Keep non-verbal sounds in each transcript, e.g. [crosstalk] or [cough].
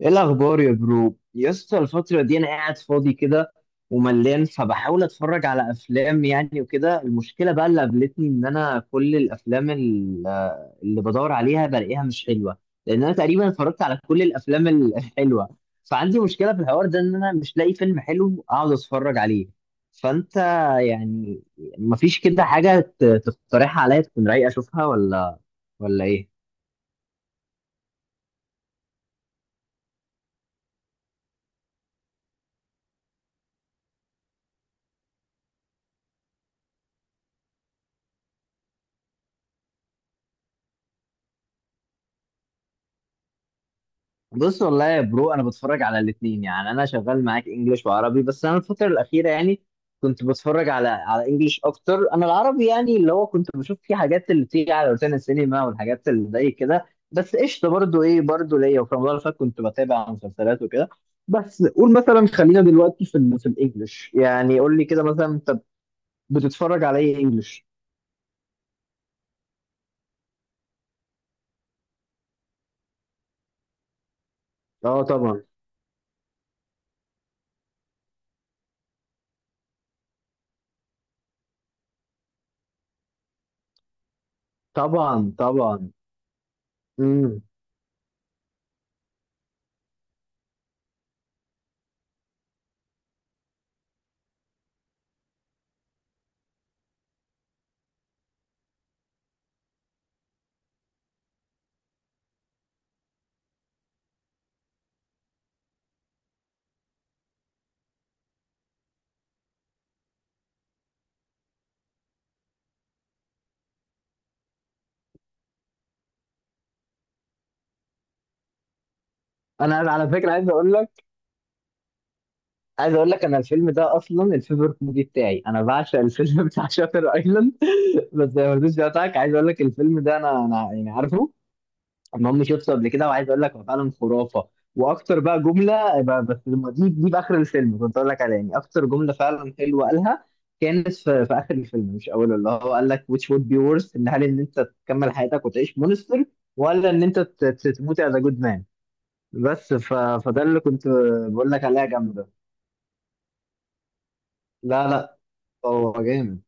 ايه الاخبار يا برو، يا اسطى؟ الفتره دي انا قاعد فاضي كده وملان، فبحاول اتفرج على افلام يعني وكده. المشكله بقى اللي قابلتني ان انا كل الافلام اللي بدور عليها بلاقيها مش حلوه. لان انا تقريبا اتفرجت على كل الافلام [laughs] الحلوه. فعندي مشكله في الحوار ده ان انا مش لاقي فيلم حلو اقعد اتفرج عليه. فانت يعني مفيش كده حاجه تقترحها عليا تكون رايقه اشوفها ولا ايه؟ بص، والله يا برو، انا بتفرج على الاثنين. يعني انا شغال معاك انجليش وعربي، بس انا الفتره الاخيره يعني كنت بتفرج على انجليش اكتر. انا العربي يعني اللي هو كنت بشوف فيه حاجات اللي بتيجي على روتانا السينما والحاجات اللي زي كده. بس قشطه، برضو ايه برضو ليا. وفي رمضان اللي فات كنت بتابع مسلسلات وكده. بس قول مثلا، خلينا دلوقتي في الانجليش. يعني قول لي كده مثلا، انت بتتفرج على ايه انجليش؟ اه، طبعا، طبعا، طبعا. امم انا على فكره عايز اقول لك، انا الفيلم ده اصلا الفيفورت موفي بتاعي. انا بعشق الفيلم [laughs] بتاع شاتر ايلاند. بس زي ما رضيتش بتاعك، عايز اقول لك الفيلم ده انا يعني عارفه. المهم، شفته قبل كده، وعايز اقول لك هو فعلا خرافه. واكتر بقى جمله بس لما دي باخر الفيلم كنت اقول لك عليها، يعني اكتر جمله فعلا حلوه قالها كانت في اخر الفيلم مش اوله. اللي هو قال لك which would be worse، ان هل ان انت تكمل حياتك وتعيش مونستر، ولا ان انت تموت as a good man. بس فده اللي كنت بقول لك عليها جامده. لا، لا، هو جامد.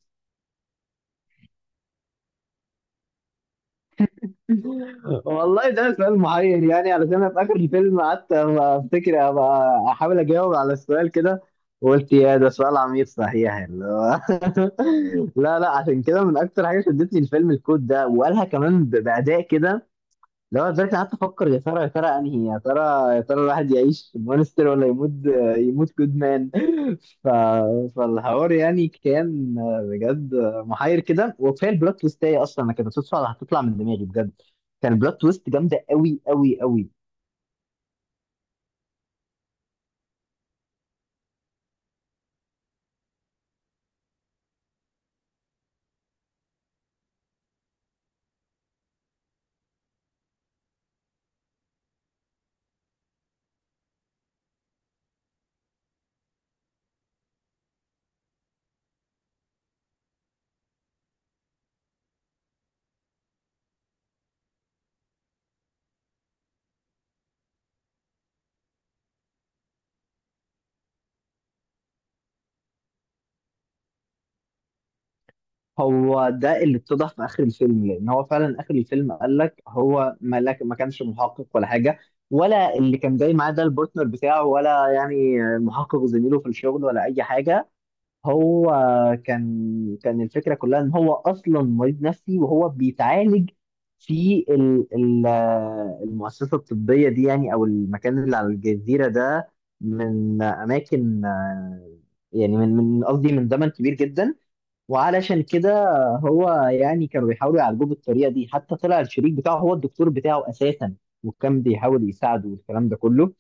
والله ده سؤال محير. يعني علشان انا في اخر الفيلم قعدت افتكر، ابقى احاول اجاوب على السؤال كده، وقلت يا ده سؤال عميق صحيح اللي هو [laughs] لا، لا، عشان كده من اكتر حاجه شدتني الفيلم الكود ده، وقالها كمان باداء كده. لو انا دلوقتي قعدت افكر، يا ترى انهي، يا ترى الواحد يعيش مونستر ولا يموت كودمان [laughs] ف... فالحوار يعني كان بجد محير كده. وكفايه البلوت تويست هي اصلا، انا كانت صدفه هتطلع من دماغي بجد. كان البلوت تويست جامده قوي قوي قوي. هو ده اللي اتضح في اخر الفيلم، لان هو فعلا اخر الفيلم قال لك هو ملاك، ما كانش محقق ولا حاجه. ولا اللي كان جاي معاه ده البارتنر بتاعه، ولا يعني المحقق زميله في الشغل، ولا اي حاجه. هو كان الفكره كلها ان هو اصلا مريض نفسي وهو بيتعالج في المؤسسه الطبيه دي، يعني او المكان اللي على الجزيره ده، من اماكن يعني من قصدي من زمن كبير جدا. وعلشان كده، هو يعني كانوا بيحاولوا يعالجوه بالطريقه دي، حتى طلع الشريك بتاعه هو الدكتور بتاعه اساسا، وكان بيحاول يساعده والكلام ده كله.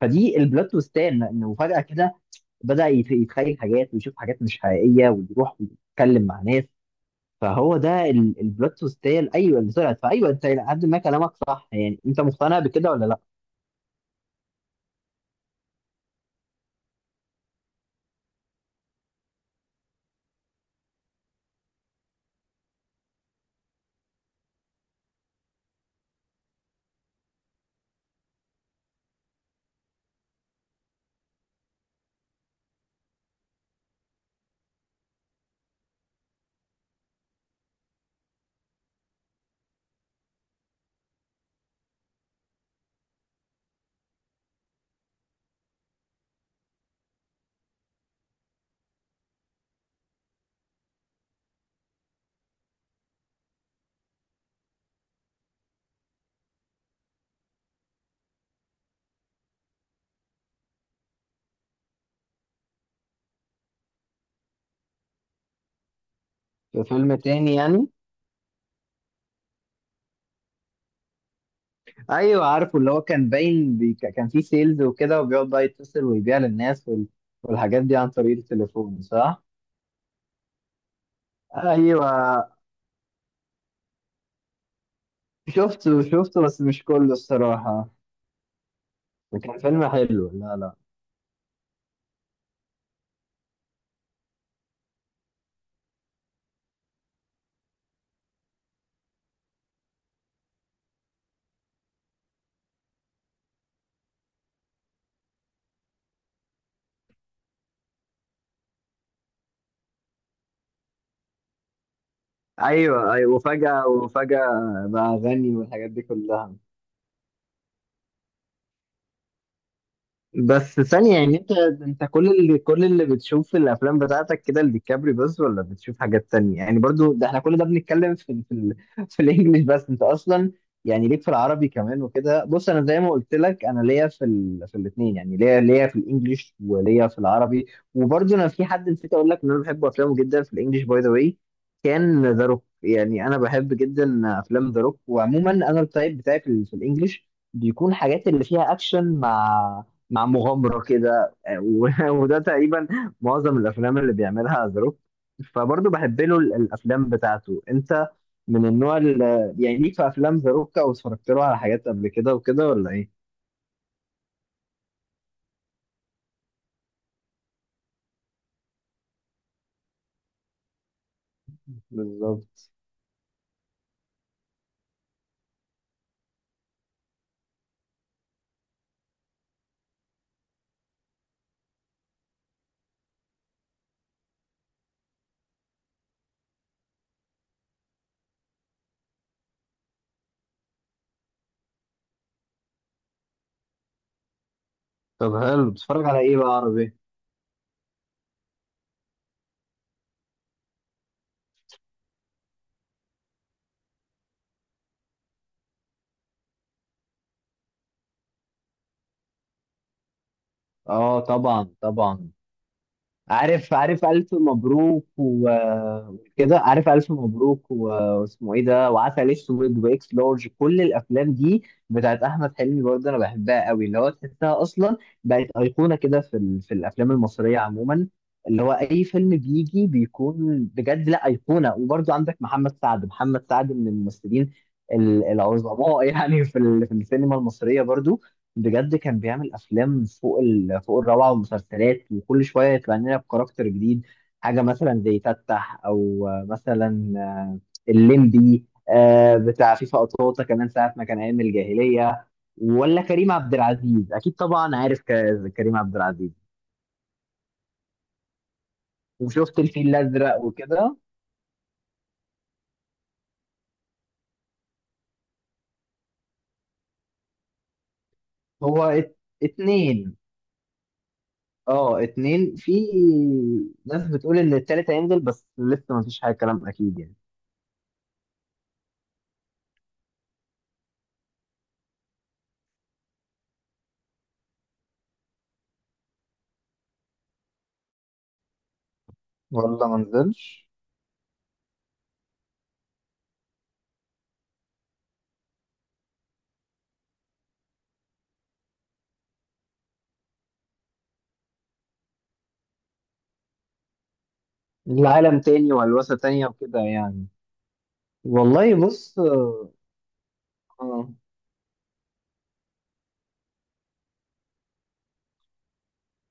فدي البلوت تويستان انه فجاه كده بدأ يتخيل حاجات، ويشوف حاجات مش حقيقية، ويروح ويتكلم مع ناس. فهو ده البلوت تويست، هي ايوه اللي طلعت. فايوه، انت إلى حد ما كلامك صح. يعني انت مقتنع بكده ولا لا؟ في فيلم تاني يعني. ايوه عارفه، اللي هو كان باين كان فيه سيلز وكده، وبيقعد بقى يتصل ويبيع للناس والحاجات دي عن طريق التليفون، صح؟ ايوه، شفته بس مش كله الصراحة. كان فيلم حلو. لا، لا. ايوه، ايوه، وفجأة، وفجأة بقى غني والحاجات دي كلها. بس ثانية، يعني انت كل اللي بتشوف في الافلام بتاعتك كده لديكابري بس، ولا بتشوف حاجات تانية؟ يعني برضو ده احنا كل ده بنتكلم في ال- في ال [laughs] في الانجليش. بس انت اصلا يعني ليك في العربي كمان وكده. بص، انا زي ما قلت لك انا ليا في الاثنين، يعني ليا في الانجليش وليا في العربي. وبرضو انا في حد نسيت اقول لك ان انا بحب افلامه جدا في الانجليش، باي ذا واي. كان ذا روك. يعني انا بحب جدا افلام ذا روك. وعموما انا التايب بتاعي في الانجليش بيكون حاجات اللي فيها اكشن مع مغامرة كده، [laughs] وده تقريبا معظم الأفلام اللي بيعملها ذا روك. فبرضه بحب له الأفلام بتاعته. أنت من النوع اللي يعني ليك في أفلام ذا روك، أو اتفرجت له على حاجات قبل كده وكده، ولا إيه؟ بالظبط. طب حلو، بتتفرج على إيه بقى عربي؟ آه، طبعا، طبعا. عارف ألف مبروك وكده. عارف ألف مبروك واسمه إيه ده، وعسل أسود، وإكس لارج، كل الأفلام دي بتاعت أحمد حلمي، برضه أنا بحبها قوي. اللي هو تحسها أصلا بقت أيقونة كده في الأفلام المصرية عموما. اللي هو أي فيلم بيجي بيكون بجد لا أيقونة. وبرضه عندك محمد سعد. محمد سعد من الممثلين العظماء [laughs] يعني في السينما المصرية برضه. بجد كان بيعمل افلام فوق الروعه، ومسلسلات، وكل شويه يطلع لنا بكاركتر جديد. حاجه مثلا زي تتح، او مثلا الليمبي، بتاع فيفا قطاطا، كمان ساعه ما كان ايام الجاهليه. ولا كريم عبد العزيز اكيد. طبعا عارف كريم عبد العزيز. وشفت الفيل الازرق وكده. هو اتنين. اه، اتنين. في ناس بتقول ان التالت هينزل، بس لسه ما فيش حاجه، كلام اكيد يعني. والله ما نزلش. العالم تاني وهلوسة تانية وكده يعني. والله بص. اه،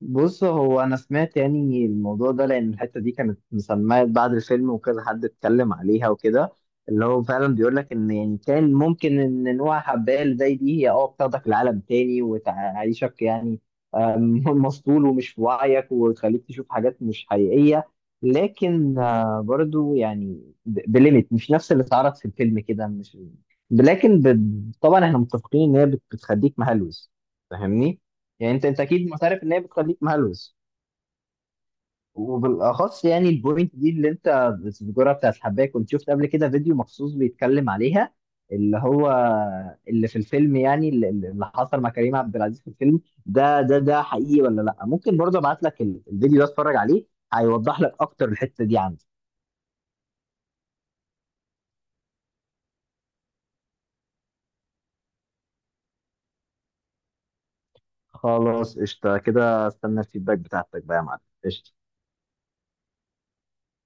بص هو انا سمعت يعني الموضوع ده، لان الحته دي كانت مسميه بعد الفيلم، وكذا حد اتكلم عليها وكده. اللي هو فعلا بيقول لك ان، يعني كان ممكن ان نوع حبايه اللي زي دي هي بتاخدك لعالم تاني، وتعيشك يعني [laughs] مسطول ومش في وعيك، وتخليك تشوف حاجات مش حقيقيه. لكن برضو يعني بليميت، مش نفس اللي اتعرض في الفيلم كده، مش. لكن طبعا احنا متفقين ان هي بتخليك مهلوس، فاهمني؟ يعني انت اكيد معترف ان هي بتخليك مهلوس. وبالاخص يعني البوينت دي اللي انت بتذكرها بتاعت الحبايه، كنت شفت قبل كده فيديو مخصوص بيتكلم عليها. اللي هو اللي في الفيلم، يعني اللي حصل مع كريم عبد العزيز في الفيلم ده ده حقيقي ولا لا؟ ممكن برضه ابعت لك الفيديو ده، اتفرج عليه. هيوضح لك اكتر الحته دي عندي. خلاص قشطه كده، استنى الفيدباك بتاعتك بقى يا معلم. قشطه.